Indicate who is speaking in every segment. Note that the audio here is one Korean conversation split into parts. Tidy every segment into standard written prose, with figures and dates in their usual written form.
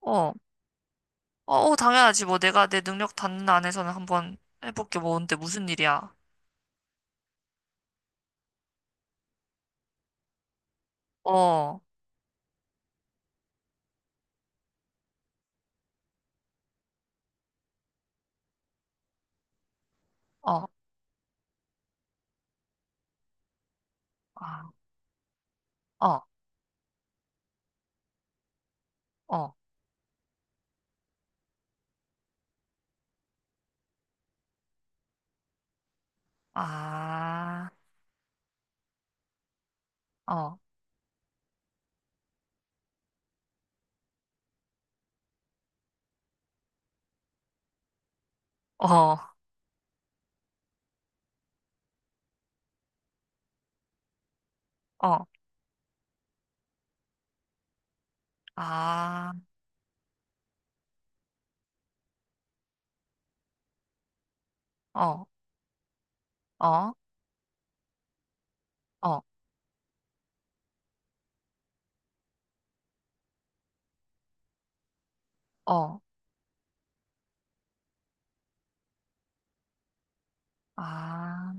Speaker 1: 어, 어, 당연하지. 뭐 내가 내 능력 닿는 안에서는 한번 해볼게. 뭔데, 무슨 일이야? 어, 어, 아, 어, 어, 아, 어, 어, 어, 아, 어, 어, 어, 어, 아,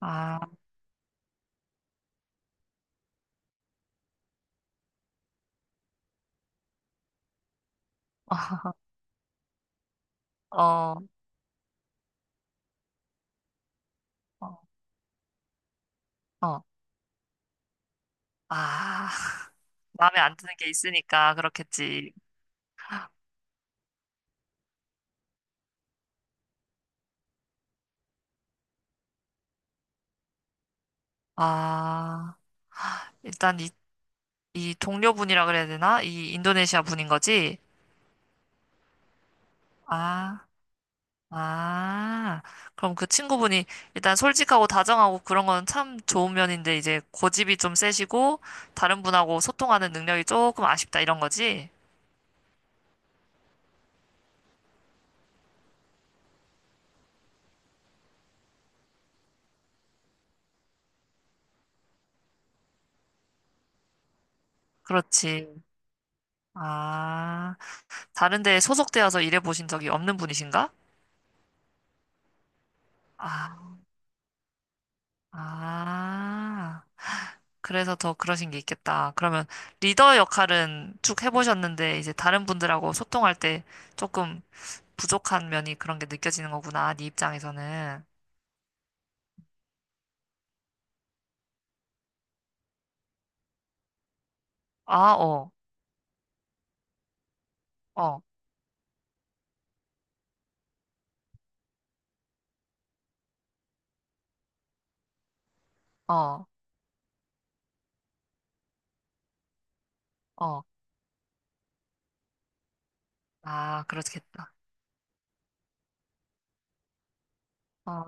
Speaker 1: 아, 어, 어, 어, 아. 마음에 안 드는 게 있으니까 그렇겠지. 아, 일단 이, 이 동료분이라 그래야 되나? 이 인도네시아 분인 거지? 아. 아, 그럼 그 친구분이 일단 솔직하고 다정하고 그런 건 참 좋은 면인데 이제 고집이 좀 세시고 다른 분하고 소통하는 능력이 조금 아쉽다 이런 거지? 그렇지. 아, 다른 데에 소속되어서 일해 보신 적이 없는 분이신가? 아, 아, 그래서 더 그러신 게 있겠다. 그러면 리더 역할은 쭉 해보셨는데 이제 다른 분들하고 소통할 때 조금 부족한 면이 그런 게 느껴지는 거구나, 네 입장에서는. 아, 어, 어. 어, 어. 아, 그렇겠다. 어,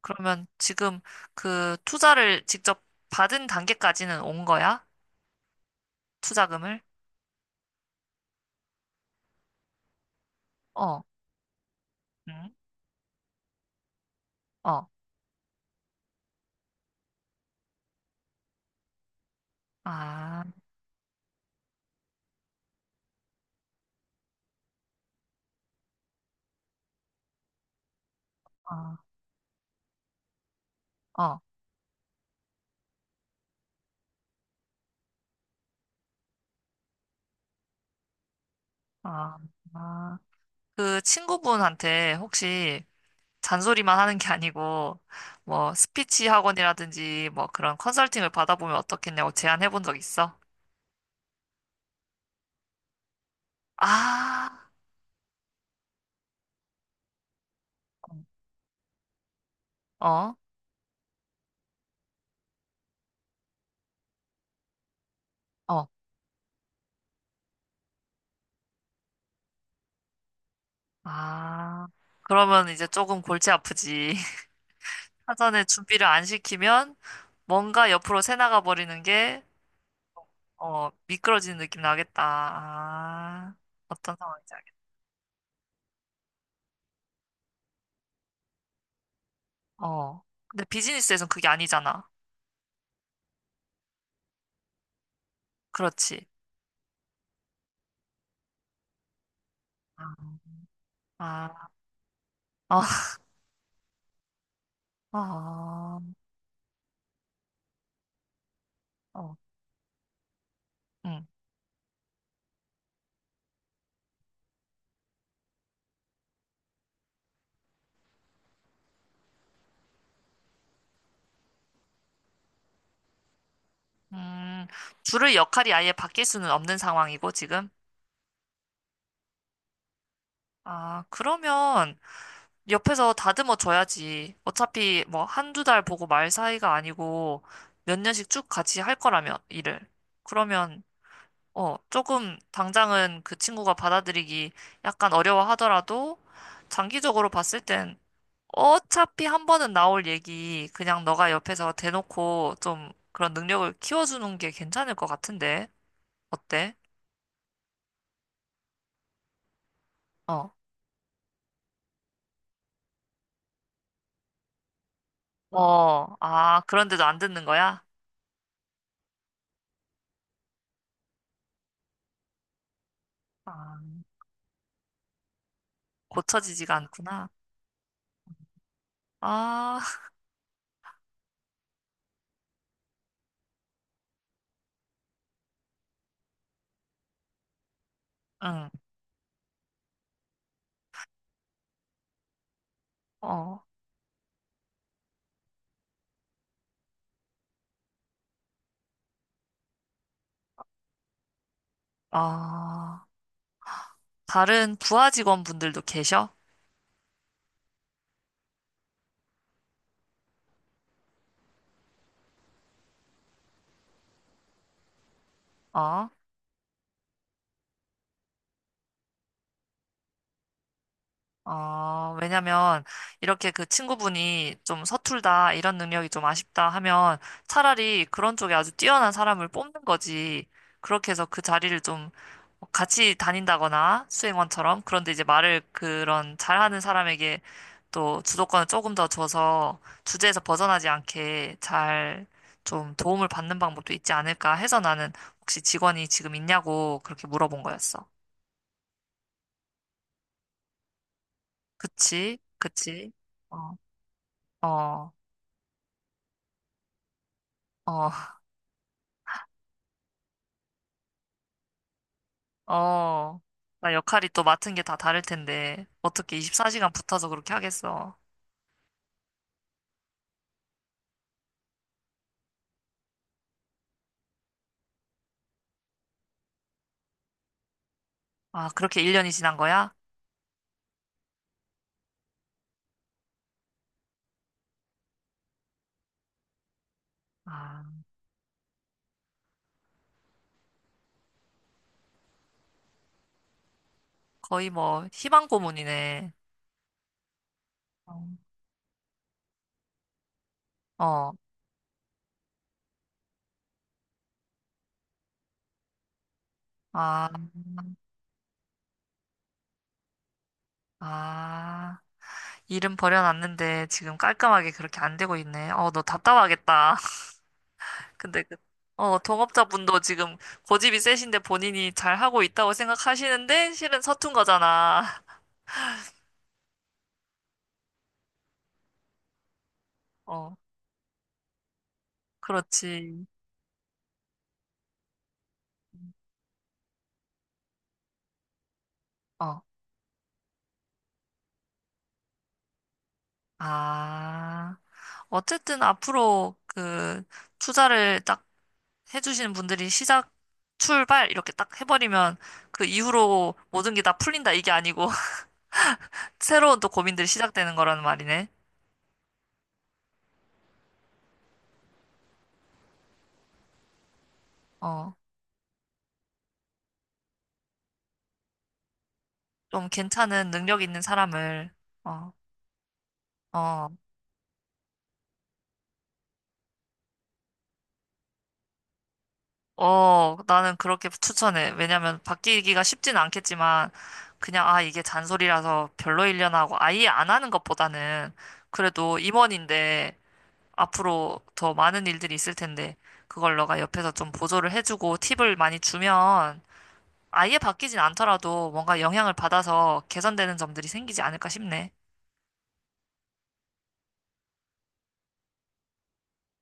Speaker 1: 그러면 지금 그 투자를 직접 받은 단계까지는 온 거야? 투자금을? 어, 응? 어, 아, 어, 어, 아, 아. 그 친구분한테 혹시 잔소리만 하는 게 아니고 뭐 스피치 학원이라든지 뭐 그런 컨설팅을 받아보면 어떻겠냐고 제안해 본 적 있어? 아, 어, 어, 아. 그러면 이제 조금 골치 아프지. 사전에 준비를 안 시키면 뭔가 옆으로 새나가 버리는 게, 어, 미끄러지는 느낌 나겠다. 아, 어떤 상황인지 알겠다. 어. 근데 비즈니스에선 그게 아니잖아. 그렇지. 아, 아, 어, 어, 어, 음, 음, 줄을 역할이 아예 바뀔 수는 없는 상황이고, 지금. 아, 그러면 옆에서 다듬어 줘야지. 어차피 뭐 한두 달 보고 말 사이가 아니고 몇 년씩 쭉 같이 할 거라면, 일을. 그러면 어, 조금 당장은 그 친구가 받아들이기 약간 어려워하더라도 장기적으로 봤을 땐 어차피 한 번은 나올 얘기 그냥 너가 옆에서 대놓고 좀 그런 능력을 키워주는 게 괜찮을 것 같은데 어때? 어, 어, 아, 그런데도 안 듣는 거야? 아, 고쳐지지가 않구나. 아, 응, 어, 아, 다른 부하 직원분들도 계셔? 어? 어, 왜냐면 이렇게 그 친구분이 좀 서툴다, 이런 능력이 좀 아쉽다 하면 차라리 그런 쪽에 아주 뛰어난 사람을 뽑는 거지. 그렇게 해서 그 자리를 좀 같이 다닌다거나 수행원처럼 그런데 이제 말을 그런 잘하는 사람에게 또 주도권을 조금 더 줘서 주제에서 벗어나지 않게 잘 좀 도움을 받는 방법도 있지 않을까 해서 나는 혹시 직원이 지금 있냐고 그렇게 물어본 거였어. 그치? 그치? 어, 어. 어, 어. 나 역할이 또 맡은 게 다 다를 텐데, 어떻게 24시간 붙어서 그렇게 하겠어. 아, 그렇게 1년이 지난 거야? 아, 거의 뭐, 희망 고문이네. 어, 어. 아, 아. 일은 버려놨는데, 지금 깔끔하게 그렇게 안 되고 있네. 어, 너 답답하겠다. 근데 그, 어, 동업자분도 지금 고집이 세신데 본인이 잘 하고 있다고 생각하시는데, 실은 서툰 거잖아. 어, 그렇지. 어, 아. 어쨌든 앞으로 그 투자를 딱 해주시는 분들이 시작, 출발 이렇게 딱 해버리면 그 이후로 모든 게 다 풀린다 이게 아니고 새로운 또 고민들이 시작되는 거라는 말이네. 어, 좀 괜찮은 능력 있는 사람을 어, 어, 어, 나는 그렇게 추천해. 왜냐면 바뀌기가 쉽진 않겠지만 그냥 아 이게 잔소리라서 별로 일려나 하고 아예 안 하는 것보다는 그래도 임원인데 앞으로 더 많은 일들이 있을 텐데 그걸 너가 옆에서 좀 보조를 해주고 팁을 많이 주면 아예 바뀌진 않더라도 뭔가 영향을 받아서 개선되는 점들이 생기지 않을까 싶네.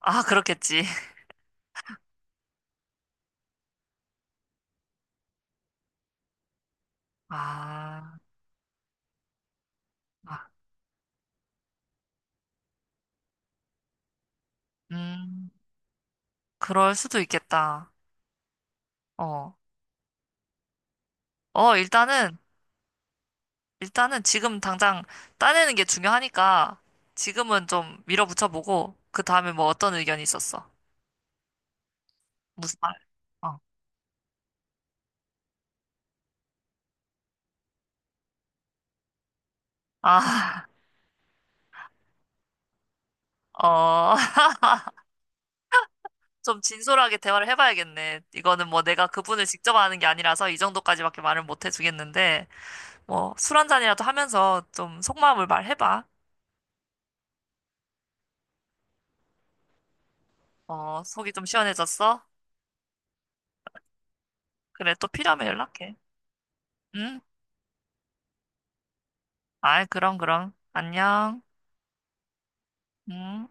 Speaker 1: 아, 그렇겠지. 아, 아, 음, 그럴 수도 있겠다. 어, 어, 일단은, 일단은 지금 당장 따내는 게 중요하니까 지금은 좀 밀어붙여보고 그 다음에 뭐 어떤 의견이 있었어? 무슨 말? 어, 아, 어. 좀 진솔하게 대화를 해봐야겠네. 이거는 뭐 내가 그분을 직접 아는 게 아니라서 이 정도까지밖에 말을 못 해주겠는데, 뭐 술 한잔이라도 하면서 좀 속마음을 말해봐. 어, 속이 좀 시원해졌어? 그래, 또 필요하면 연락해. 응? 아이, 그럼, 그럼. 안녕. 응?